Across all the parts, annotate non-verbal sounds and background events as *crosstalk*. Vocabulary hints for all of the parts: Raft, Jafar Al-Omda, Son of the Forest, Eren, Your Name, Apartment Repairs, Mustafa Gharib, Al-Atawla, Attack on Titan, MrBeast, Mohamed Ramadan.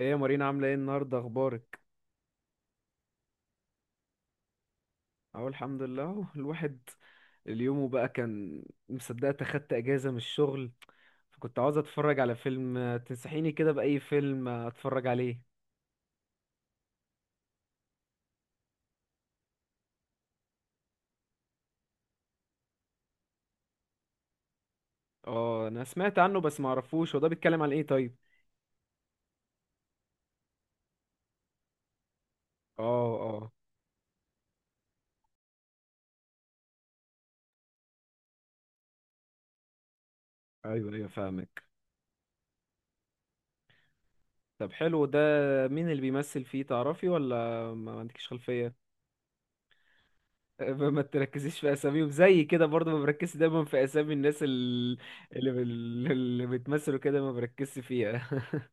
ايه يا مارينا، عاملة ايه النهاردة؟ اخبارك؟ اهو الحمد لله اهو الواحد. اليوم بقى كان مصدقت اخدت اجازة من الشغل، فكنت عاوز اتفرج على فيلم. تنصحيني كده بأي فيلم اتفرج عليه؟ اه انا سمعت عنه بس معرفوش، هو ده بيتكلم عن ايه طيب؟ اه اه. ايوه ايوه فاهمك. طب حلو ده، مين اللي بيمثل فيه تعرفي ولا ما عندكيش خلفية؟ *laughs* ما تركزيش في اساميهم، زي كده برضه ما بركزش دايما في اسامي الناس اللي بتمثلوا كده، ما بركزش فيها. *laughs*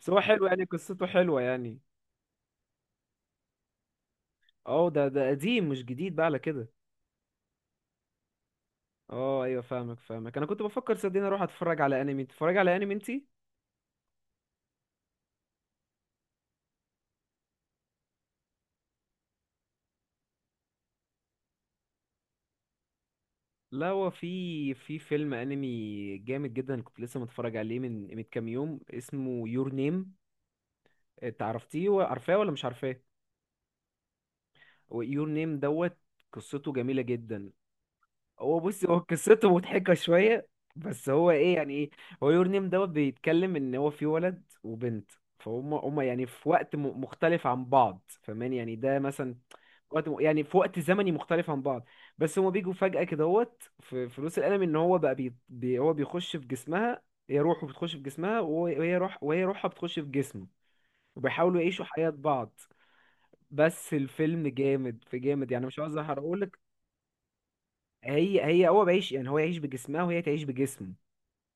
بس هو حلو يعني، قصته حلوة يعني. اه ده قديم مش جديد بقى على كده. اه ايوه فاهمك، انا كنت بفكر صدقني اروح اتفرج على انمي. تتفرج على انمي انتي؟ لا، هو في فيلم انمي جامد جدا كنت لسه متفرج عليه من كام يوم، اسمه يور نيم. تعرفتيه، عارفاه ولا مش عارفاه؟ يور نيم دوت. قصته جميلة جدا. هو بص، هو قصته مضحكة شوية، بس هو ايه يعني ايه. هو يور نيم دوت بيتكلم ان هو في ولد وبنت، فهم يعني في وقت مختلف عن بعض، فاهمان يعني؟ ده مثلا وقت يعني في وقت زمني مختلف عن بعض، بس هما بيجوا فجأة كدهوت في فلوس القلم ان هو بقى بي بي هو بيخش في جسمها. هي روحه بتخش في جسمها، وهي روح، وهي روحها بتخش في جسمه، وبيحاولوا يعيشوا حياة بعض. بس الفيلم جامد في جامد يعني، مش عاوز احرقهولك. هي هو بيعيش يعني هو يعيش بجسمها وهي تعيش بجسمه،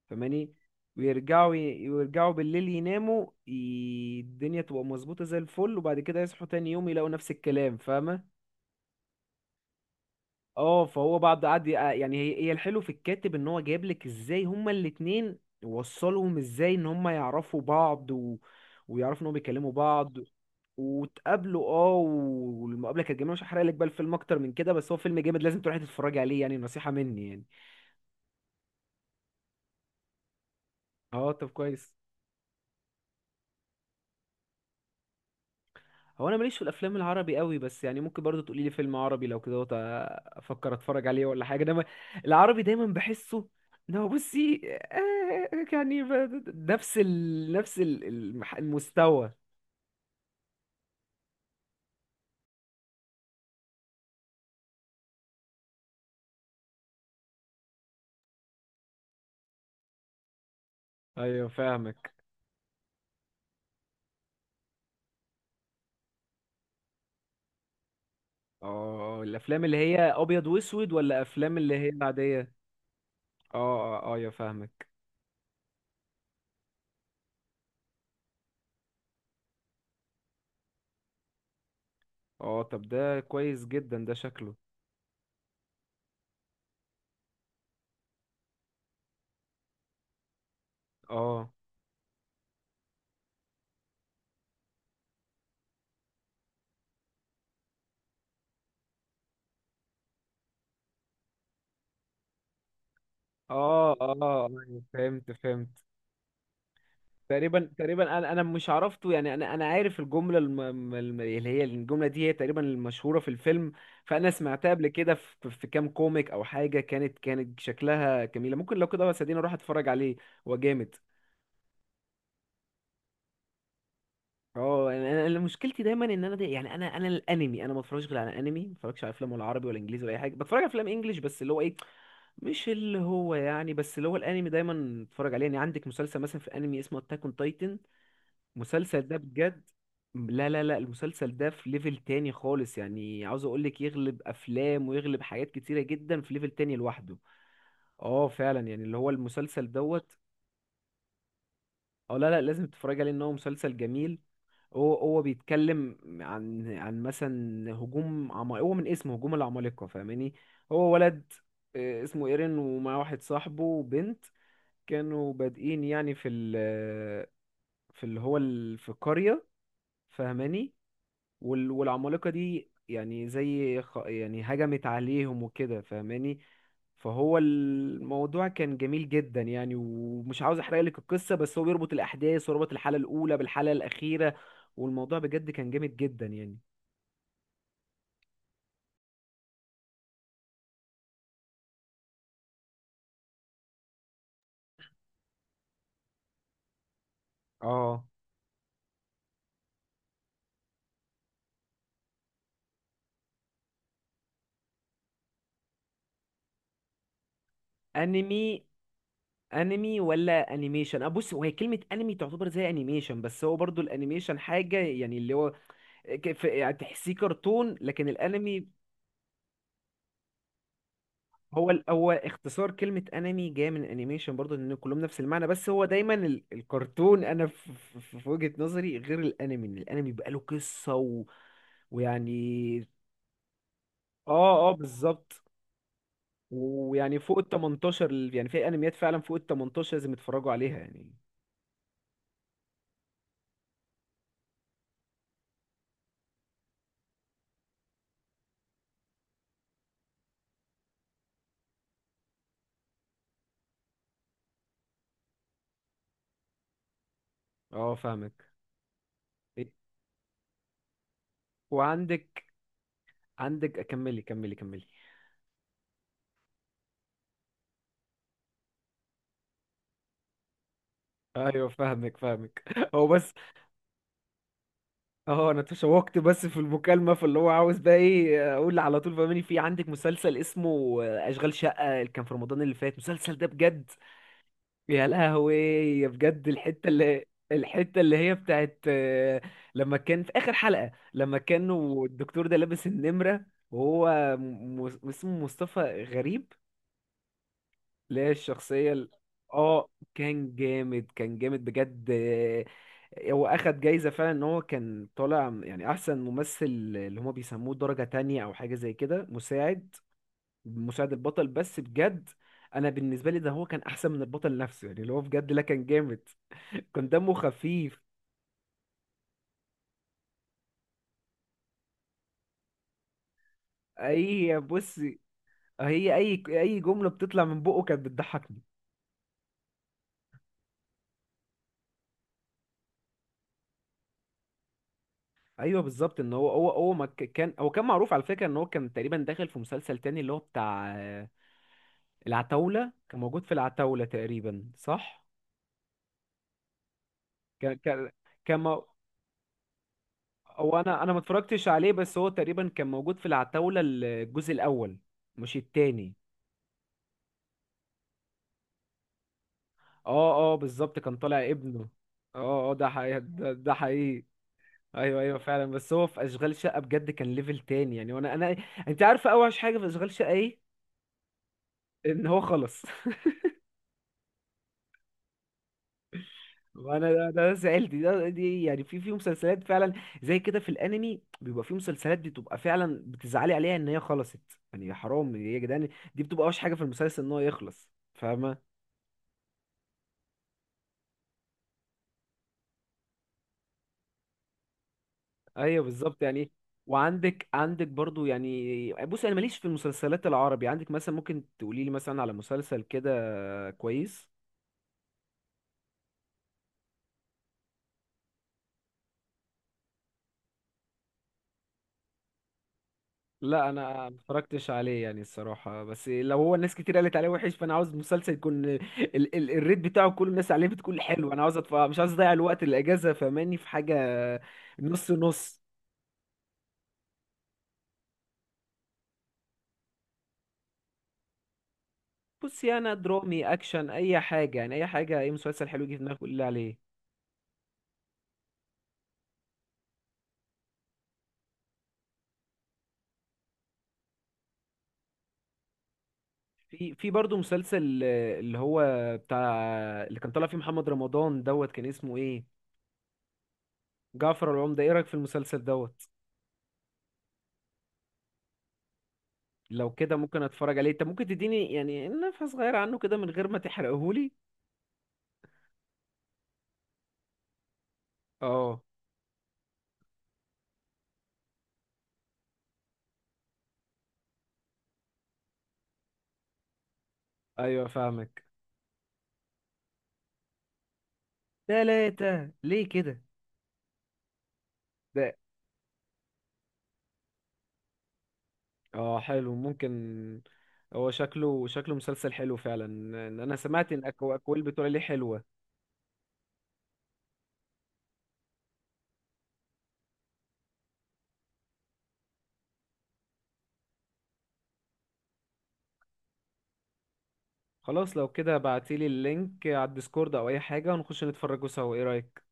فماني. ويرجعوا بالليل يناموا الدنيا تبقى مظبوطة زي الفل، وبعد كده يصحوا تاني يوم يلاقوا نفس الكلام، فاهمة؟ اه، فهو بعد قعد يعني هي الحلو في الكاتب ان هو جايب لك ازاي هما الاتنين، وصلهم ازاي ان هما يعرفوا بعض، و... ويعرفوا ان هما بيكلموا بعض. وتقابلوا اه، والمقابله كانت جميله، مش هحرق لك بقى الفيلم اكتر من كده، بس هو فيلم جامد لازم تروحي تتفرجي عليه يعني، نصيحه مني يعني. اه طب كويس. هو انا ماليش في الافلام العربي قوي، بس يعني ممكن برضو تقولي لي فيلم عربي لو كده افكر اتفرج عليه ولا حاجه. دايما العربي دايما بحسه ان هو بصي، يعني نفس ال... نفس المستوى. ايوه فاهمك. اه، الافلام اللي هي ابيض واسود ولا افلام اللي هي العاديه؟ اه اه ايوه فاهمك. اه طب ده كويس جدا ده شكله. اه اه اه أيوة، فهمت فهمت. تقريبا انا مش عرفته يعني، انا عارف الجمله اللي هي الجمله دي هي تقريبا المشهوره في الفيلم، فانا سمعتها قبل كده في كام كوميك او حاجه، كانت شكلها جميله ممكن لو كده، بس اديني اروح اتفرج عليه. هو جامد. اه انا أنا مشكلتي دايما ان انا دي يعني، انا الانمي انا ما بتفرجش غير على انمي، ما بتفرجش على افلام ولا عربي ولا انجليزي ولا اي حاجه. بتفرج على افلام انجليش بس اللي هو ايه، مش اللي هو يعني، بس اللي هو الانمي دايما اتفرج عليه يعني. عندك مسلسل مثلا في انمي اسمه اتاك اون تايتن، المسلسل ده بجد لا المسلسل ده في ليفل تاني خالص يعني، عاوز اقولك يغلب افلام ويغلب حاجات كتيرة جدا، في ليفل تاني لوحده. اه فعلا يعني، اللي هو المسلسل دوت. اه لا لا، لازم تتفرج عليه، ان هو مسلسل جميل. هو بيتكلم عن مثلا هو من اسمه هجوم العمالقة، فاهماني؟ هو ولد اسمه ايرين ومعاه واحد صاحبه وبنت، كانوا بادئين يعني في ال في اللي هو في القرية، فاهماني؟ والعمالقة دي يعني زي يعني هجمت عليهم وكده، فاهماني؟ فهو الموضوع كان جميل جدا يعني، ومش عاوز احرق لك القصة، بس هو بيربط الأحداث وربط الحلقة الأولى بالحلقة الأخيرة، والموضوع بجد كان جامد جدا يعني. اه انمي. انمي ولا انيميشن؟ اه بص، هو هي كلمة انمي تعتبر زي انيميشن، بس هو برضو الانيميشن حاجة يعني، اللي هو يعني تحسيه كرتون، لكن الانمي هو هو اختصار كلمة انمي جاية من انيميشن برضه، لان كلهم نفس المعنى، بس هو دايما الكرتون انا في وجهة نظري غير الانمي، إن الانمي بقى له قصة، و... ويعني اه اه بالظبط. ويعني فوق ال 18 يعني في انميات فعلا فوق ال 18 لازم يتفرجوا عليها يعني. اه فاهمك. إيه، وعندك كملي كملي كملي. ايوه فاهمك *laughs* هو بس اه انا تشوقت، بس في المكالمه فاللي هو عاوز بقى ايه اقول على طول، فاهمني؟ في عندك مسلسل اسمه اشغال شقه اللي كان في رمضان اللي فات، المسلسل ده بجد، يا لهوي. يا بجد الحته اللي، الحته اللي هي بتاعت لما كان في اخر حلقه لما كانوا الدكتور ده لابس النمره وهو اسمه مصطفى غريب، اللي هي الشخصية اه، كان جامد كان جامد بجد هو اخد جايزة فعلا، ان هو كان طالع يعني احسن ممثل، اللي هما بيسموه درجة تانية او حاجة زي كده، مساعد. البطل، بس بجد انا بالنسبة لي ده هو كان احسن من البطل نفسه يعني، اللي هو بجد لا كان جامد. كان دمه خفيف. اي بص، اي اي جملة بتطلع من بقه كانت بتضحكني. ايوه بالظبط، ان هو هو ما ك- كان هو كان معروف على فكره، ان هو كان تقريبا داخل في مسلسل تاني، اللي هو بتاع العتاولة، كان موجود في العتاولة تقريبا صح؟ كان كان كان مو... هو انا ما اتفرجتش عليه، بس هو تقريبا كان موجود في العتاولة الجزء الاول مش التاني. اه اه بالظبط، كان طالع ابنه. اه اه ده حقيقي ده حقيقي. ايوه ايوه فعلا. بس هو في اشغال شقة بجد كان ليفل تاني يعني، وانا انت عارفة اوحش حاجة في اشغال شقة ايه؟ ان هو خلص. *laughs* وانا ده سألت دي يعني، في مسلسلات فعلا زي كده في الانمي، بيبقى في مسلسلات بتبقى فعلا بتزعلي عليها ان هي خلصت، يعني يا حرام يا جدعان. دي بتبقى اوحش حاجه في المسلسل ان هو يخلص، فاهمه؟ ايوه بالظبط يعني. وعندك برضو يعني بص، انا ماليش في المسلسلات العربي، عندك مثلا ممكن تقولي لي مثلا على مسلسل كده كويس؟ لا انا ما اتفرجتش عليه يعني الصراحه، بس لو هو الناس كتير قالت عليه وحش فانا عاوز مسلسل يكون ال الريت بتاعه كل الناس عليه بتكون حلو. انا عاوز مش عاوز اضيع الوقت الاجازه فماني في حاجه نص نص. بصي انا درامي اكشن اي حاجه يعني، اي حاجه اي مسلسل حلو يجي في دماغك قول لي عليه. في برضه مسلسل اللي هو بتاع اللي كان طالع فيه محمد رمضان دوت كان اسمه ايه؟ جعفر العمدة، ايه رايك في المسلسل دوت؟ لو كده ممكن اتفرج عليه، انت ممكن تديني يعني نفحة صغيرة عنه كده من غير ما تحرقهولي. اه ايوه فاهمك. تلاتة ليه كده؟ ده اه حلو ممكن، هو شكله مسلسل حلو فعلا، ان انا سمعت ان الاكوال بتقول عليه حلوة. خلاص لو كده بعتيلي اللينك على الديسكورد او اي حاجة ونخش نتفرجوا سوا، ايه رأيك؟